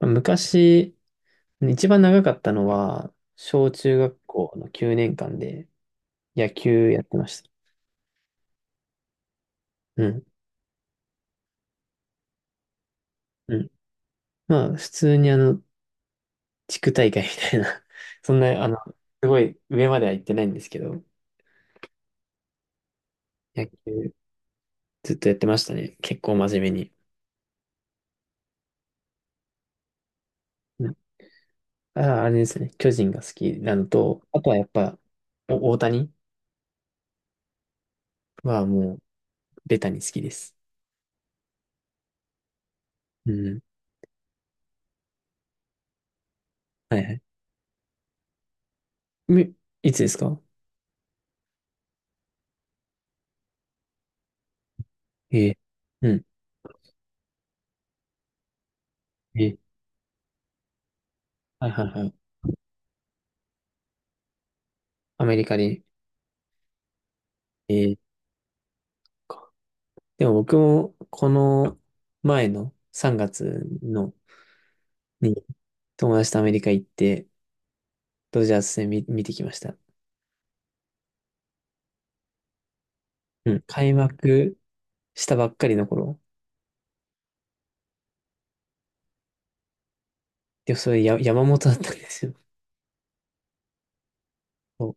昔、一番長かったのは、小中学校の9年間で野球やってました。うん。うん。まあ、普通に地区大会みたいな そんな、すごい上までは行ってないんですけど、野球ずっとやってましたね。結構真面目に。うん。あ、あれですね。巨人が好きなのと、あとはやっぱ、大谷はもう、ベタに好きです。うん。はいはい。みいつですか？ええ。うん。ええ。はいはいはい。アメリカで。ええ。でも僕も、この前の3月のに友達とアメリカ行って、ドジャース戦見てきました。うん。開幕したばっかりの頃。で、それや山本だったんですよ。そう。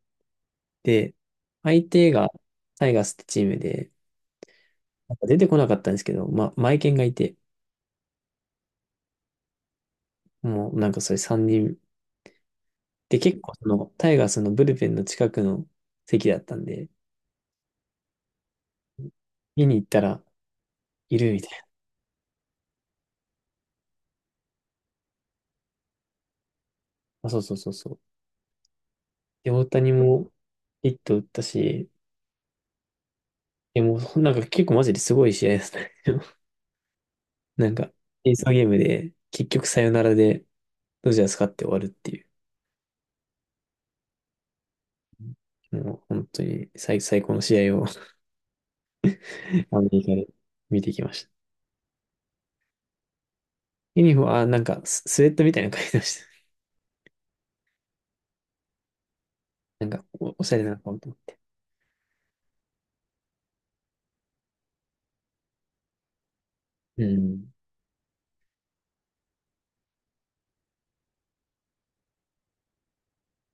で、相手がタイガースってチームで、なんか出てこなかったんですけど、まあ、マイケンがいて、もうなんかそれ3人。で、結構そのタイガースのブルペンの近くの席だったんで、見に行ったらいるみたいな。あ、そうそうそうそう。で、大谷もヒット打ったし、いやもうなんか結構マジですごい試合ですね。なんか、エーソーゲームで結局サヨナラでドジャース勝って終わるっていう、もう本当に最高の試合を アメリカで見てきました。ユニフォーム、あ、なんかスウェットみたいなの書いてました。なんかおしゃれなのかもと思って。うん。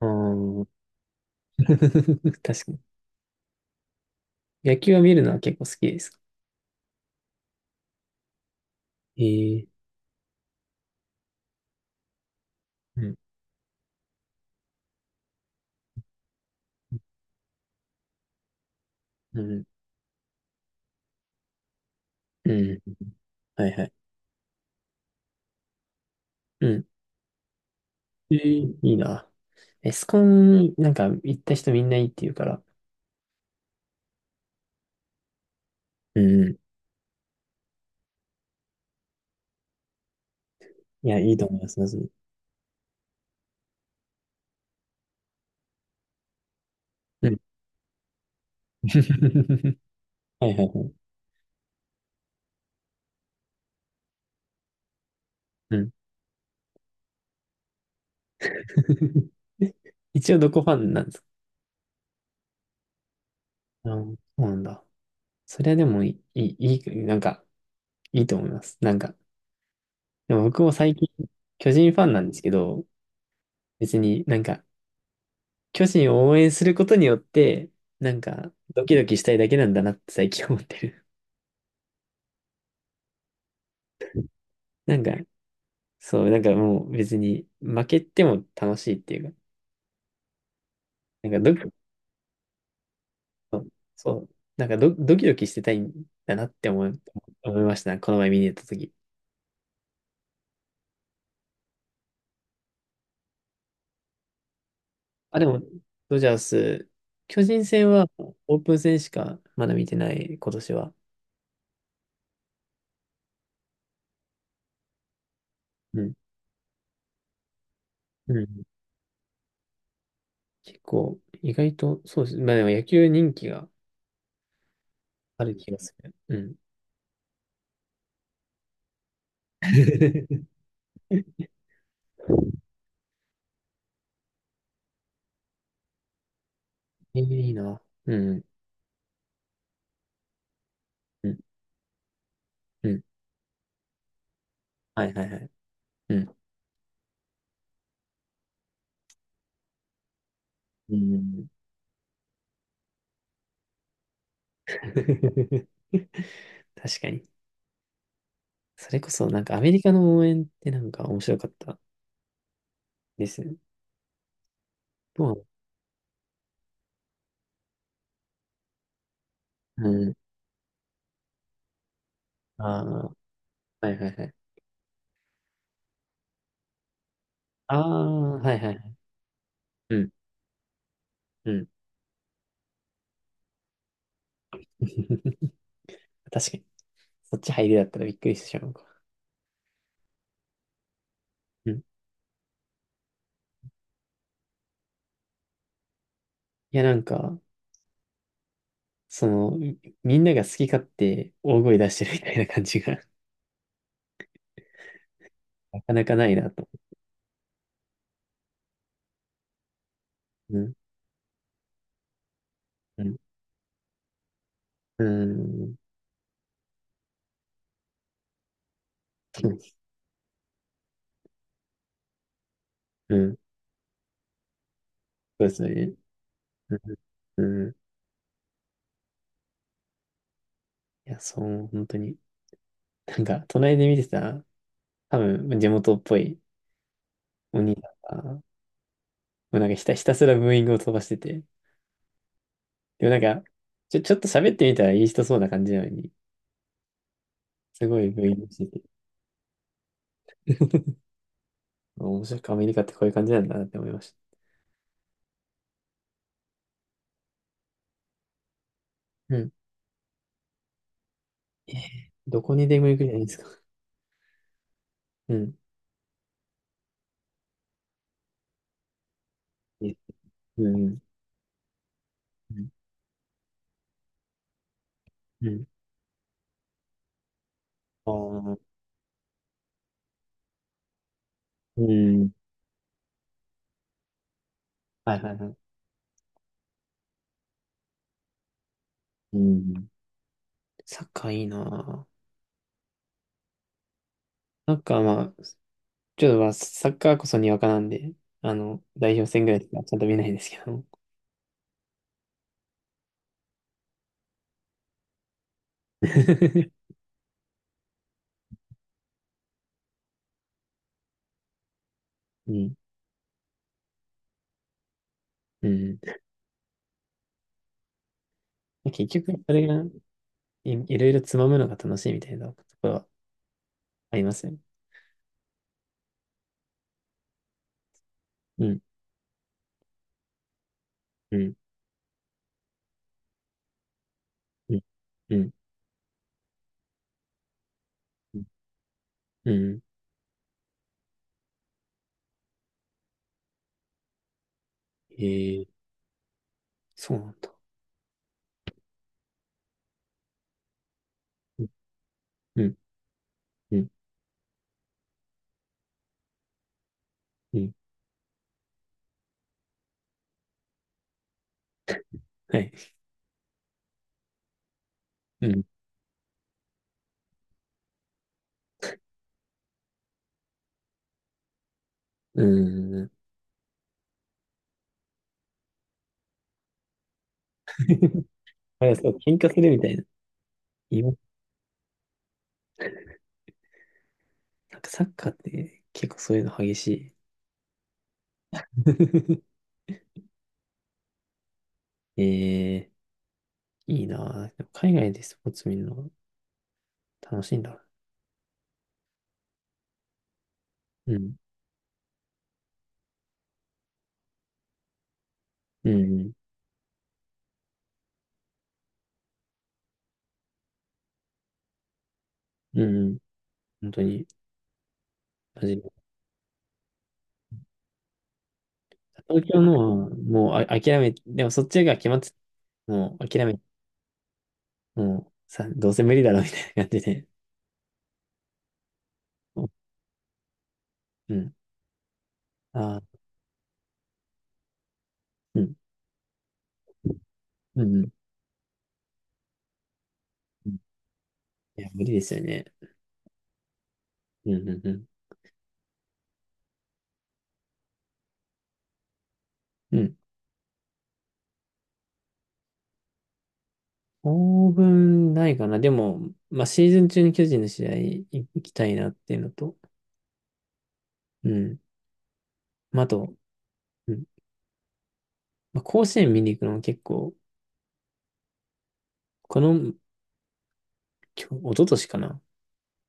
あー。 確かに。野球は見るのは結構好きですか？ええ。うん。うん。うん。はいはい。うん。ええ、いいな。エスコン、なんか行った人みんないいって言うから。うんうん。いや、いいと思います、まず。うん。はいはいはい。うん。一応どこファンなんですか？あ、そうなんだ。それはでもいい、いい、いいなんか、いいと思います。なんか、でも僕も最近、巨人ファンなんですけど、別になんか、巨人を応援することによって、なんか、ドキドキしたいだけなんだなって最近思ってる。なんか、そう、なんかもう別に、負けても楽しいっていうか、なんかドキ、そうそう。なんかドキドキしてたいんだなって思う、思いました。この前見に行った時。あ、でも、ドジャース、巨人戦はオープン戦しかまだ見てない、今年は。うん。うん。結構、意外と、そうです。まあでも野球人気がある気がする。うん。えー、いいな。うん。うん。うん。はいはいはい。うん。うん。確かに。それこそ、なんかアメリカの応援ってなんか面白かったですね。どううん。ああ、はいはいはい。ああ、はいはいはい。うん、うん。確かに。そっち入りだったらびっくりしてしまうか。うん。いや、なんか、その、みんなが好き勝手大声出してるみたいな感じが なかなかないなと。うん、うん、うん、うん、そうですね。うん、うん。いや、そう、本当に。なんか、隣で見てた、多分、地元っぽいお兄さんが、もうなんかひたすらブーイングを飛ばしてて、でもなんか、ちょっと喋ってみたらいい人そうな感じなのに、すごい VC。面白く、アメリカってこういう感じなんだなって思いました。うん。えー、どこにでも行くじゃないですか。うん。え、うん。うん。うん。あー。うん。はいはいはい。うん。サッカーいいなぁ。サッカーまあ、ちょっとまあ、サッカーこそにわかなんで、あの、代表戦ぐらいしかちゃんと見ないですけど。うん。うん。結局、それがいろいろつまむのが楽しいみたいなところはありますよね。うん。うん。うん。うん。うん。うん。えー、そうなんだ。うん、うん、うん。はい。うん。うん。あれ、そう、喧嘩するみたいな。今、なんかサッカーって結構そういうの激しい。えー、いいなぁ。でも海外でスポーツ見るのが楽しいんだ。うん。うん。うん。うん、本当に。初めて東京のはもうあ諦め、でもそっちが決まってた、もう諦め、もうさ、どうせ無理だろうみたいな感じで。うん。ああ、うん。うん。うん。いや、無理ですよね。うん。うん。うん。うん、当分ないかな。でも、まあ、シーズン中に巨人の試合行きたいなっていうのと、うん。まあ、あと、うん。まあ、甲子園見に行くのも結構、この、一昨年かな。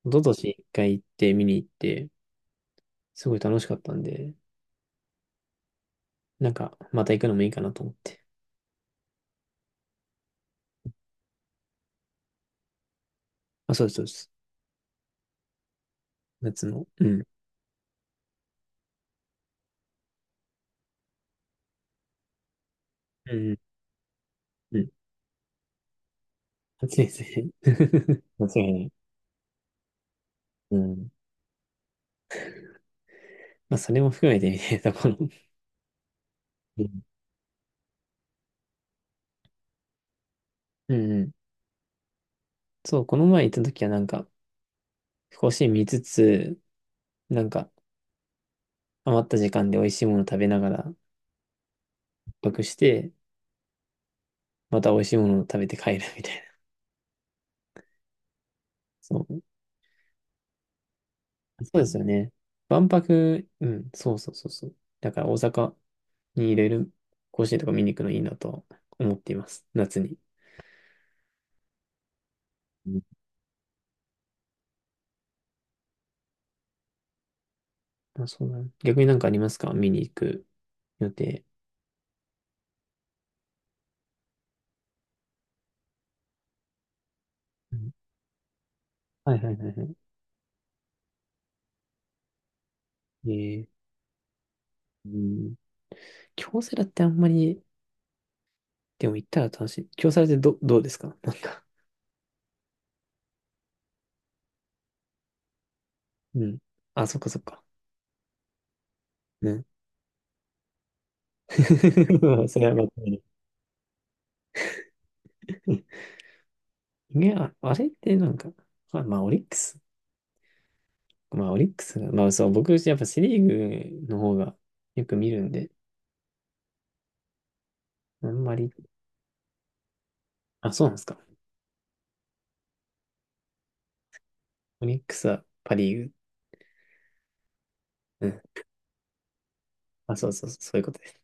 一昨年一回行って見に行って、すごい楽しかったんで、なんか、また行くのもいいかなと思って。あ、そうです、そうです。夏の。うん。うん。うん。暑いですね。間違いない。うん。まあ、それも含めてみたいなところ。うん。うんうん。そう、この前行った時はなんか、甲子園見つつ、なんか、余った時間で美味しいもの食べながら、万泊して、また美味しいものを食べて帰るみたいな。そう。そうですよね。万博、うん、そうそうそうそう。だから大阪にいろいろ甲子園とか見に行くのいいなと思っています。夏に。うん、あ、そうだね。逆になんかありますか、見に行く予定？うん。はいはいはいはい。えー、うん。京セラってあんまり、でも行ったら楽しい。京セラってどうですかなんか？うん。あ、そっかそっか。ね。それはまとめる。いや、あれってなんか、まあ、まあオリックス。まあ、オリックスが、まあ、そう、僕、やっぱセリーグの方がよく見るんで、あんまり、あ、そうなんですか。オリックスはパリーグ。うん。あ、そうそうそう、そういうことです。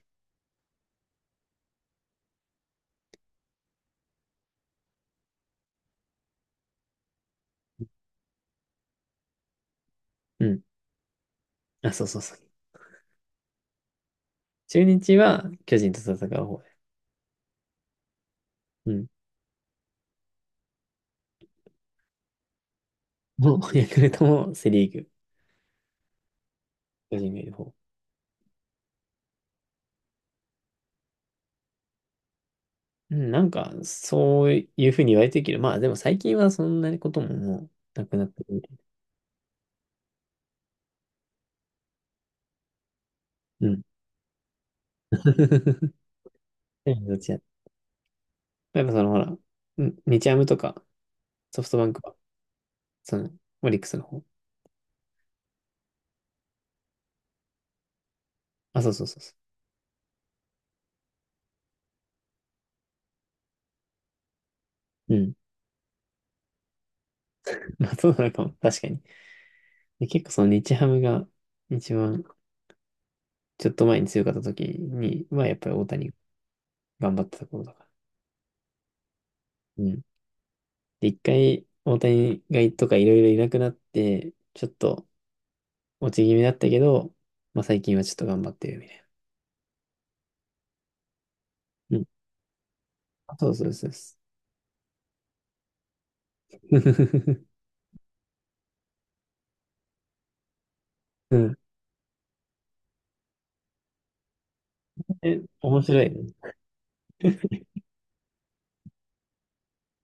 うん。あ、そうそうそう。中日は巨人と戦う方です。うん。もう、ヤクルトもセリーグ、巨人がいる方。うん、なんか、そういうふうに言われてるけど、まあ、でも最近はそんなことももうなくなってくるい。うん。どっちや。やっぱその、ほら、うん、日ハムとか、ソフトバンクは、その、オリックスの方。あ、そうそうそうそう。うん。まあ、そうなのかも。確かに。で、結構その日ハムが一番ちょっと前に強かった時には、やっぱり大谷頑張ってた頃だから。うん。で、一回大谷がいとかいろいろいなくなって、ちょっと落ち気味だったけど、まあ最近はちょっと頑張ってるみたいな。うん。あ、そうそうそうそう。うん。え、面白いね。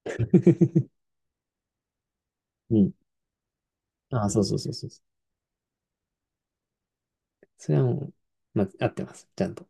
うん。あ、そうそうそうそう。それはもう、まあ、合ってます。ちゃんと。